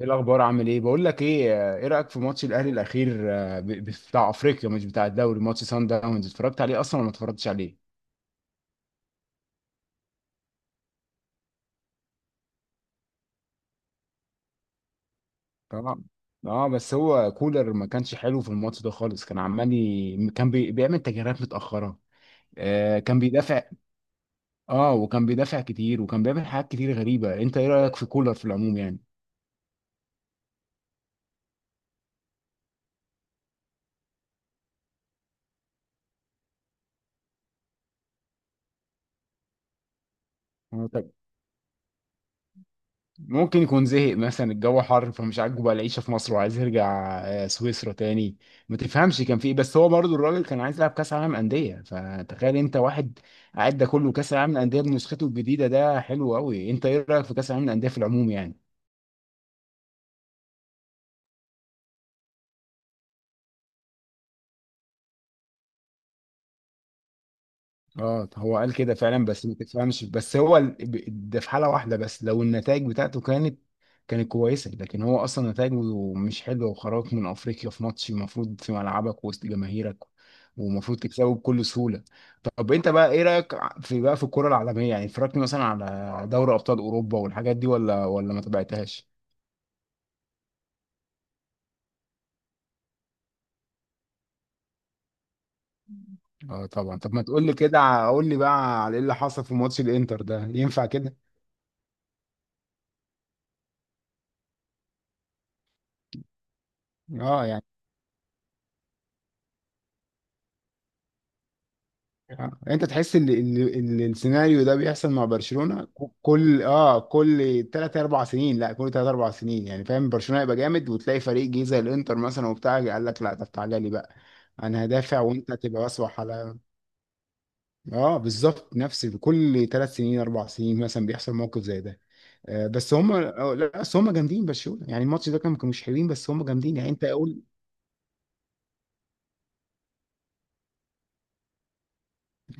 ايه الاخبار؟ عامل ايه؟ بقول لك ايه رايك في ماتش الاهلي الاخير، بتاع افريقيا، مش بتاع الدوري. ماتش سان داونز اتفرجت عليه اصلا ولا ما اتفرجتش عليه؟ طبعا. اه، بس هو كولر ما كانش حلو في الماتش ده خالص. كان عمال بيعمل تغييرات متاخره. آه كان بيدافع. اه وكان بيدافع كتير وكان بيعمل حاجات كتير غريبه. انت ايه رايك في كولر في العموم يعني؟ ممكن يكون زهق، مثلا الجو حر فمش عاجبه بقى العيشه في مصر وعايز يرجع سويسرا تاني. ما تفهمش كان في ايه، بس هو برضو الراجل كان عايز يلعب كاس عالم انديه. فتخيل انت واحد قاعد ده كله، كاس العالم الانديه بنسخته الجديده ده حلو قوي. انت ايه رايك في كاس العالم الانديه في العموم يعني؟ اه هو قال كده فعلا، بس ما تفهمش. بس هو ده في حاله واحده بس، لو النتائج بتاعته كانت كانت كويسه. لكن هو اصلا نتائجه مش حلوه، وخرجك من افريقيا في ماتش المفروض في ملعبك وسط جماهيرك، ومفروض تكسبه بكل سهوله. طب انت بقى ايه رايك في بقى في الكره العالميه يعني؟ اتفرجت مثلا على دوري ابطال اوروبا والحاجات دي ولا ما تابعتهاش؟ اه طبعا. طب ما تقول لي كده، قول لي بقى على ايه اللي حصل في ماتش الانتر ده، ينفع كده؟ اه يعني. آه. انت تحس ان ان إن السيناريو ده بيحصل مع برشلونه كل 3 4 سنين؟ لا، كل 3 4 سنين يعني، فاهم؟ برشلونه يبقى جامد، وتلاقي فريق جه زي الانتر مثلا وبتاع قال لك لا، طب تعالى لي بقى انا هدافع، وانت تبقى اصبح على. اه بالظبط، نفس كل 3 سنين 4 سنين مثلا بيحصل موقف زي ده. آه بس هم، لا بس هم جامدين برشلونه يعني. الماتش ده كان كانوا مش حلوين، بس هم جامدين يعني، انت قول.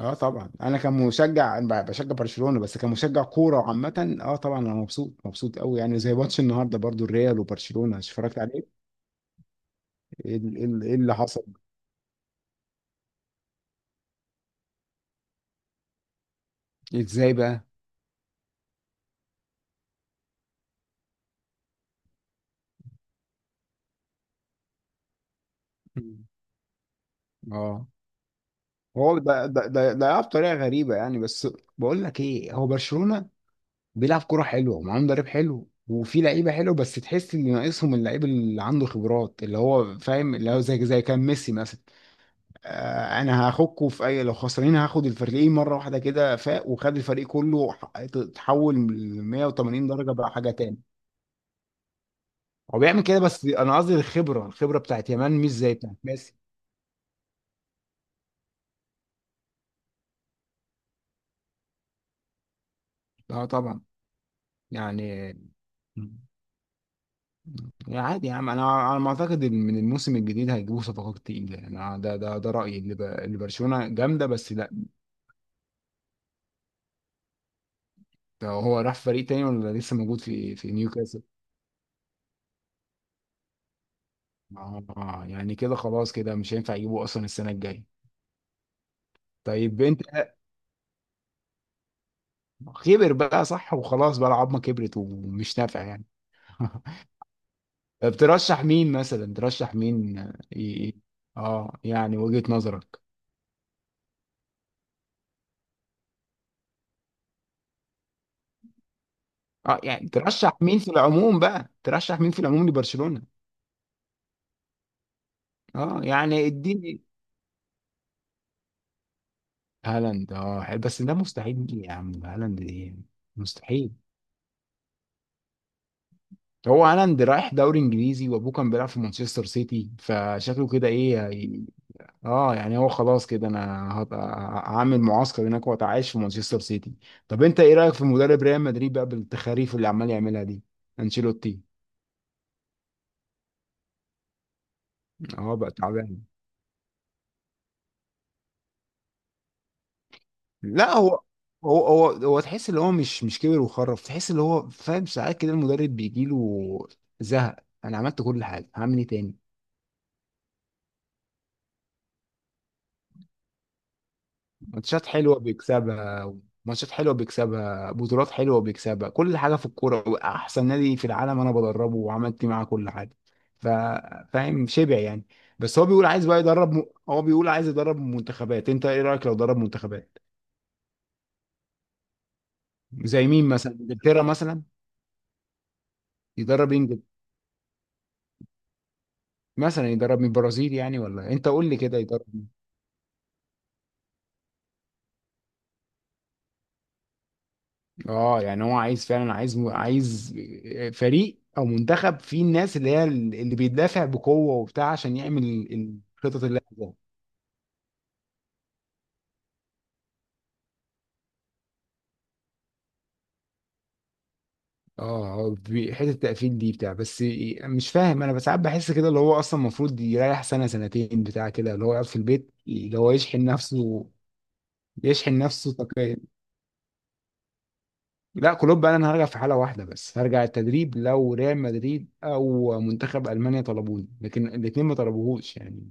اه طبعا، انا كمشجع بشجع برشلونه، بس كمشجع كوره عامه اه طبعا انا مبسوط، مبسوط قوي يعني. زي ماتش النهارده برضو، الريال وبرشلونه اتفرجت عليه. ايه ال- إيه ال- إيه اللي حصل؟ ازاي بقى؟ مم. اه هو ده بطريقه غريبه يعني، بس. بقول لك ايه، هو برشلونه بيلعب كوره حلوه ومعاه مدرب حلو وفي لعيبه حلوه، بس تحس ان ناقصهم اللعيب اللي عنده خبرات، اللي هو فاهم، اللي هو زي كان ميسي مثلا. انا هاخدكوا في اي لو خسرانين هاخد الفريقين مره واحده كده فاق، وخد الفريق كله اتحول من 180 درجه، بقى حاجه تاني. هو بيعمل كده، بس انا قصدي الخبره بتاعت يمان مش زي بتاعت ميسي. اه طبعا يعني. يعني عادي يا عم، انا ما اعتقد إن من الموسم الجديد هيجيبوا صفقات تقيله يعني. انا ده رايي، اللي برشلونه جامده بس لا. ده هو راح فريق تاني ولا لسه موجود في نيوكاسل؟ اه يعني كده خلاص، كده مش هينفع يجيبوا اصلا السنه الجايه. طيب انت، كبر بقى صح وخلاص، بقى العظمه كبرت ومش نافع يعني. بترشح مين مثلا؟ ترشح مين ي- اه يعني وجهة نظرك؟ اه يعني ترشح مين في العموم بقى، ترشح مين في العموم لبرشلونة؟ اه يعني اديني. هالاند، اه حلو. بس ده مستحيل يا عم، هالاند ايه، مستحيل. هو هالاند رايح دوري انجليزي، وابوه كان بيلعب في مانشستر سيتي، فشكله كده ايه. اه يعني هو خلاص، كده انا هبقى هعمل معسكر هناك واتعايش في مانشستر سيتي. طب انت ايه رايك في مدرب ريال مدريد بقى بالتخاريف اللي عمال يعملها دي، انشيلوتي؟ اه بقى تعبان. لا هو تحس ان هو مش كبر وخرف، تحس ان هو فاهم ساعات كده، المدرب بيجي له زهق. انا عملت كل حاجه، هعمل ايه تاني. ماتشات حلوه بيكسبها، ماتشات حلوه بيكسبها، بطولات حلوه بيكسبها، كل حاجه في الكوره، احسن نادي في العالم انا بدربه، وعملت معاه كل حاجه. ف- فاهم شبع يعني. بس هو بيقول عايز بقى يدرب هو بيقول عايز يدرب منتخبات. انت ايه رايك لو درب منتخبات، زي مين مثلا، انجلترا مثلا يدرب انجلترا؟ مثلا يدرب من البرازيل يعني ولا إيه؟ انت قول لي كده. اه يعني هو عايز فعلا، عايز فريق او منتخب فيه الناس اللي هي اللي بيدافع بقوه وبتاع، عشان يعمل الخطط اللي هو. حته التقفيل دي بتاع بس. مش فاهم، انا ساعات بحس كده اللي هو اصلا المفروض يريح سنه سنتين بتاع كده، اللي هو يقعد في البيت، اللي هو يشحن نفسه، يشحن نفسه طاقيا. لا كلوب بقى انا هرجع في حاله واحده بس، هرجع التدريب لو ريال مدريد او منتخب المانيا طلبوني، لكن الاثنين ما طلبوهوش يعني.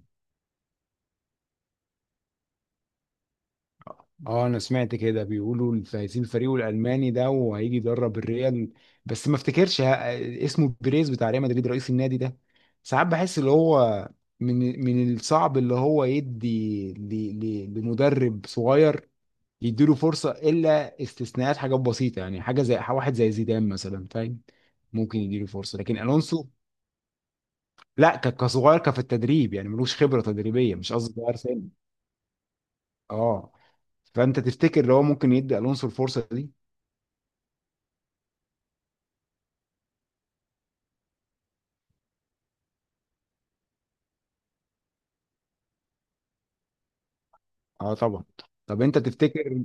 اه انا سمعت كده، بيقولوا هيسيب الفريق الالماني ده وهيجي يدرب الريال. بس ما افتكرش اسمه بيريز بتاع ريال مدريد، رئيس النادي ده. ساعات بحس اللي هو من الصعب اللي هو يدي لمدرب صغير، يديله فرصة الا استثناءات، حاجات بسيطة يعني، حاجة زي واحد زي زيدان مثلا فاهم. ممكن يديله فرصة، لكن الونسو. لا كصغير كفي التدريب يعني، ملوش خبرة تدريبية، مش قصدي صغير سن. اه. فانت تفتكر لو هو ممكن يدي الونسو الفرصة دي؟ اه طبعا. طب انت تفتكر،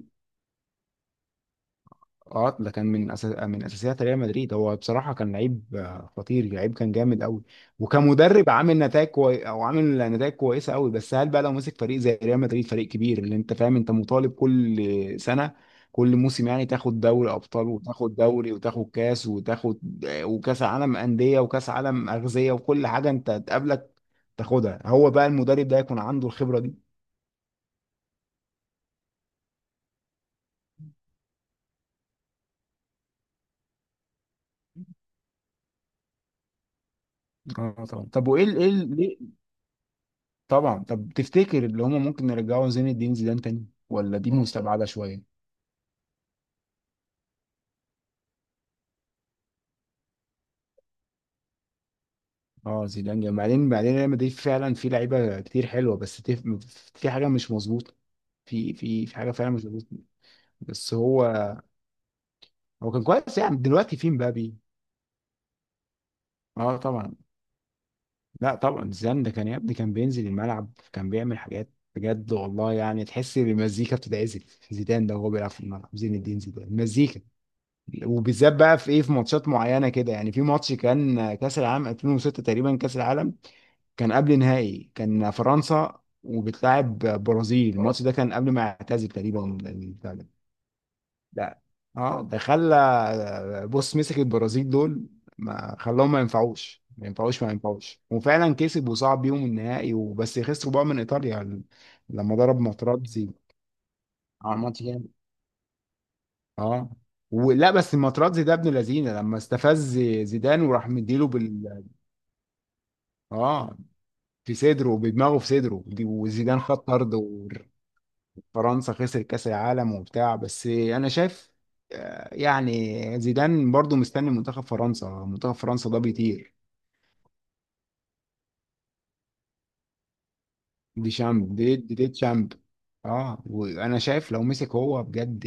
اه ده كان من اساسيات ريال مدريد، هو بصراحه كان لعيب خطير، لعيب كان جامد قوي. وكمدرب عامل نتائج كويسه قوي. بس هل بقى لو مسك فريق زي ريال مدريد، فريق كبير اللي انت فاهم، انت مطالب كل سنه كل موسم يعني تاخد دوري ابطال وتاخد دوري وتاخد كاس وتاخد وكاس عالم انديه وكاس عالم اغذيه وكل حاجه انت تقابلك تاخدها. هو بقى المدرب ده يكون عنده الخبره دي؟ اه طبعا. طب وايه ليه؟ طبعا. طب تفتكر اللي هم ممكن يرجعوا زين الدين زيدان تاني، ولا دي مستبعده شويه؟ اه زيدان جامد. بعدين ريال مدريد فعلا في لعيبه كتير حلوه، بس في حاجه مش مظبوطه. في حاجه فعلا مش مظبوطه. بس هو كان كويس يعني، دلوقتي في مبابي. اه طبعا. لا طبعا زيدان ده كان يا ابني، كان بينزل الملعب، كان بيعمل حاجات بجد والله، يعني تحس ان المزيكا بتتعزل، زيدان ده وهو بيلعب في الملعب. زين الدين زيدان مزيكا. وبالذات بقى في ايه، في ماتشات معينه كده يعني، في ماتش كان كاس العالم 2006 تقريبا، كاس العالم كان قبل نهائي، كان فرنسا وبتلاعب برازيل. الماتش ده كان قبل ما يعتزل تقريبا البتاع ده. لا. اه ده خلى بص مسك البرازيل دول، ما خلاهم، ما ينفعوش ما ينفعوش ما ينفعوش، وفعلا كسب وصعد بيهم النهائي، وبس خسروا بقى من ايطاليا لما ضرب ماتراتزي. اه الماتش. اه. ولا بس الماتراتزي ده ابن لذينه، لما استفز زيدان وراح مديله بال، اه في صدره، بدماغه، في صدره وزيدان خد طرد وفرنسا خسر كاس العالم وبتاع. بس انا شايف يعني زيدان برضو مستني منتخب فرنسا، منتخب فرنسا ده بيطير، دي شامب دي شامب. اه وانا شايف لو مسك هو بجد،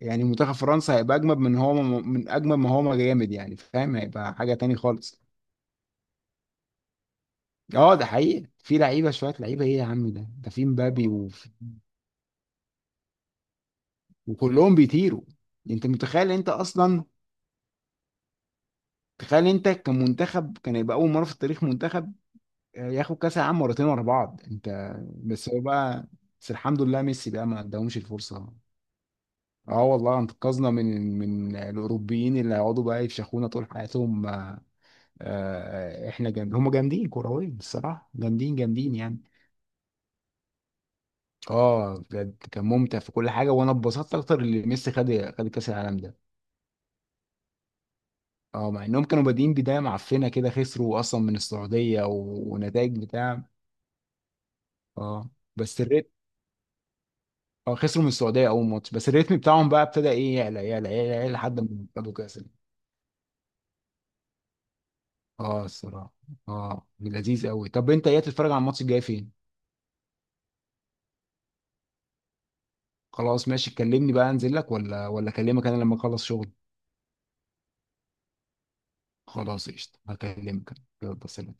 يعني منتخب فرنسا هيبقى اجمد من هو، من اجمد ما هو ما جامد يعني فاهم، هيبقى حاجه تاني خالص. اه ده حقيقي، في لعيبه شويه، لعيبه ايه يا عم، ده ده في مبابي وكلهم بيطيروا. انت متخيل، انت اصلا تخيل انت كمنتخب كان يبقى اول مره في التاريخ منتخب ياخد كاس العالم مرتين ورا بعض. انت بس هو بقى، بس الحمد لله ميسي بقى ما اداهمش الفرصه. اه والله انقذنا من الاوروبيين اللي هيقعدوا بقى يفشخونا طول حياتهم، احنا جامد، هم جامدين كرويا الصراحه، جامدين جامدين يعني. اه بجد كان ممتع في كل حاجه، وانا اتبسطت اكتر اللي ميسي خد كاس العالم ده. اه مع انهم كانوا بادئين بدايه معفنه كده، خسروا اصلا من السعوديه ونتائج بتاع. اه بس الريتم، اه خسروا من السعوديه اول ماتش، بس الريتم بتاعهم بقى ابتدى ايه، يعلى يعلى يعلى يعلى لحد ما خدوا كاس العالم. اه الصراحه اه لذيذ قوي. طب انت ايه، تتفرج على الماتش الجاي فين؟ خلاص ماشي، كلمني بقى انزل لك، ولا اكلمك انا لما اخلص شغل. خلاص قشطه، هكلمك. يلا سلام.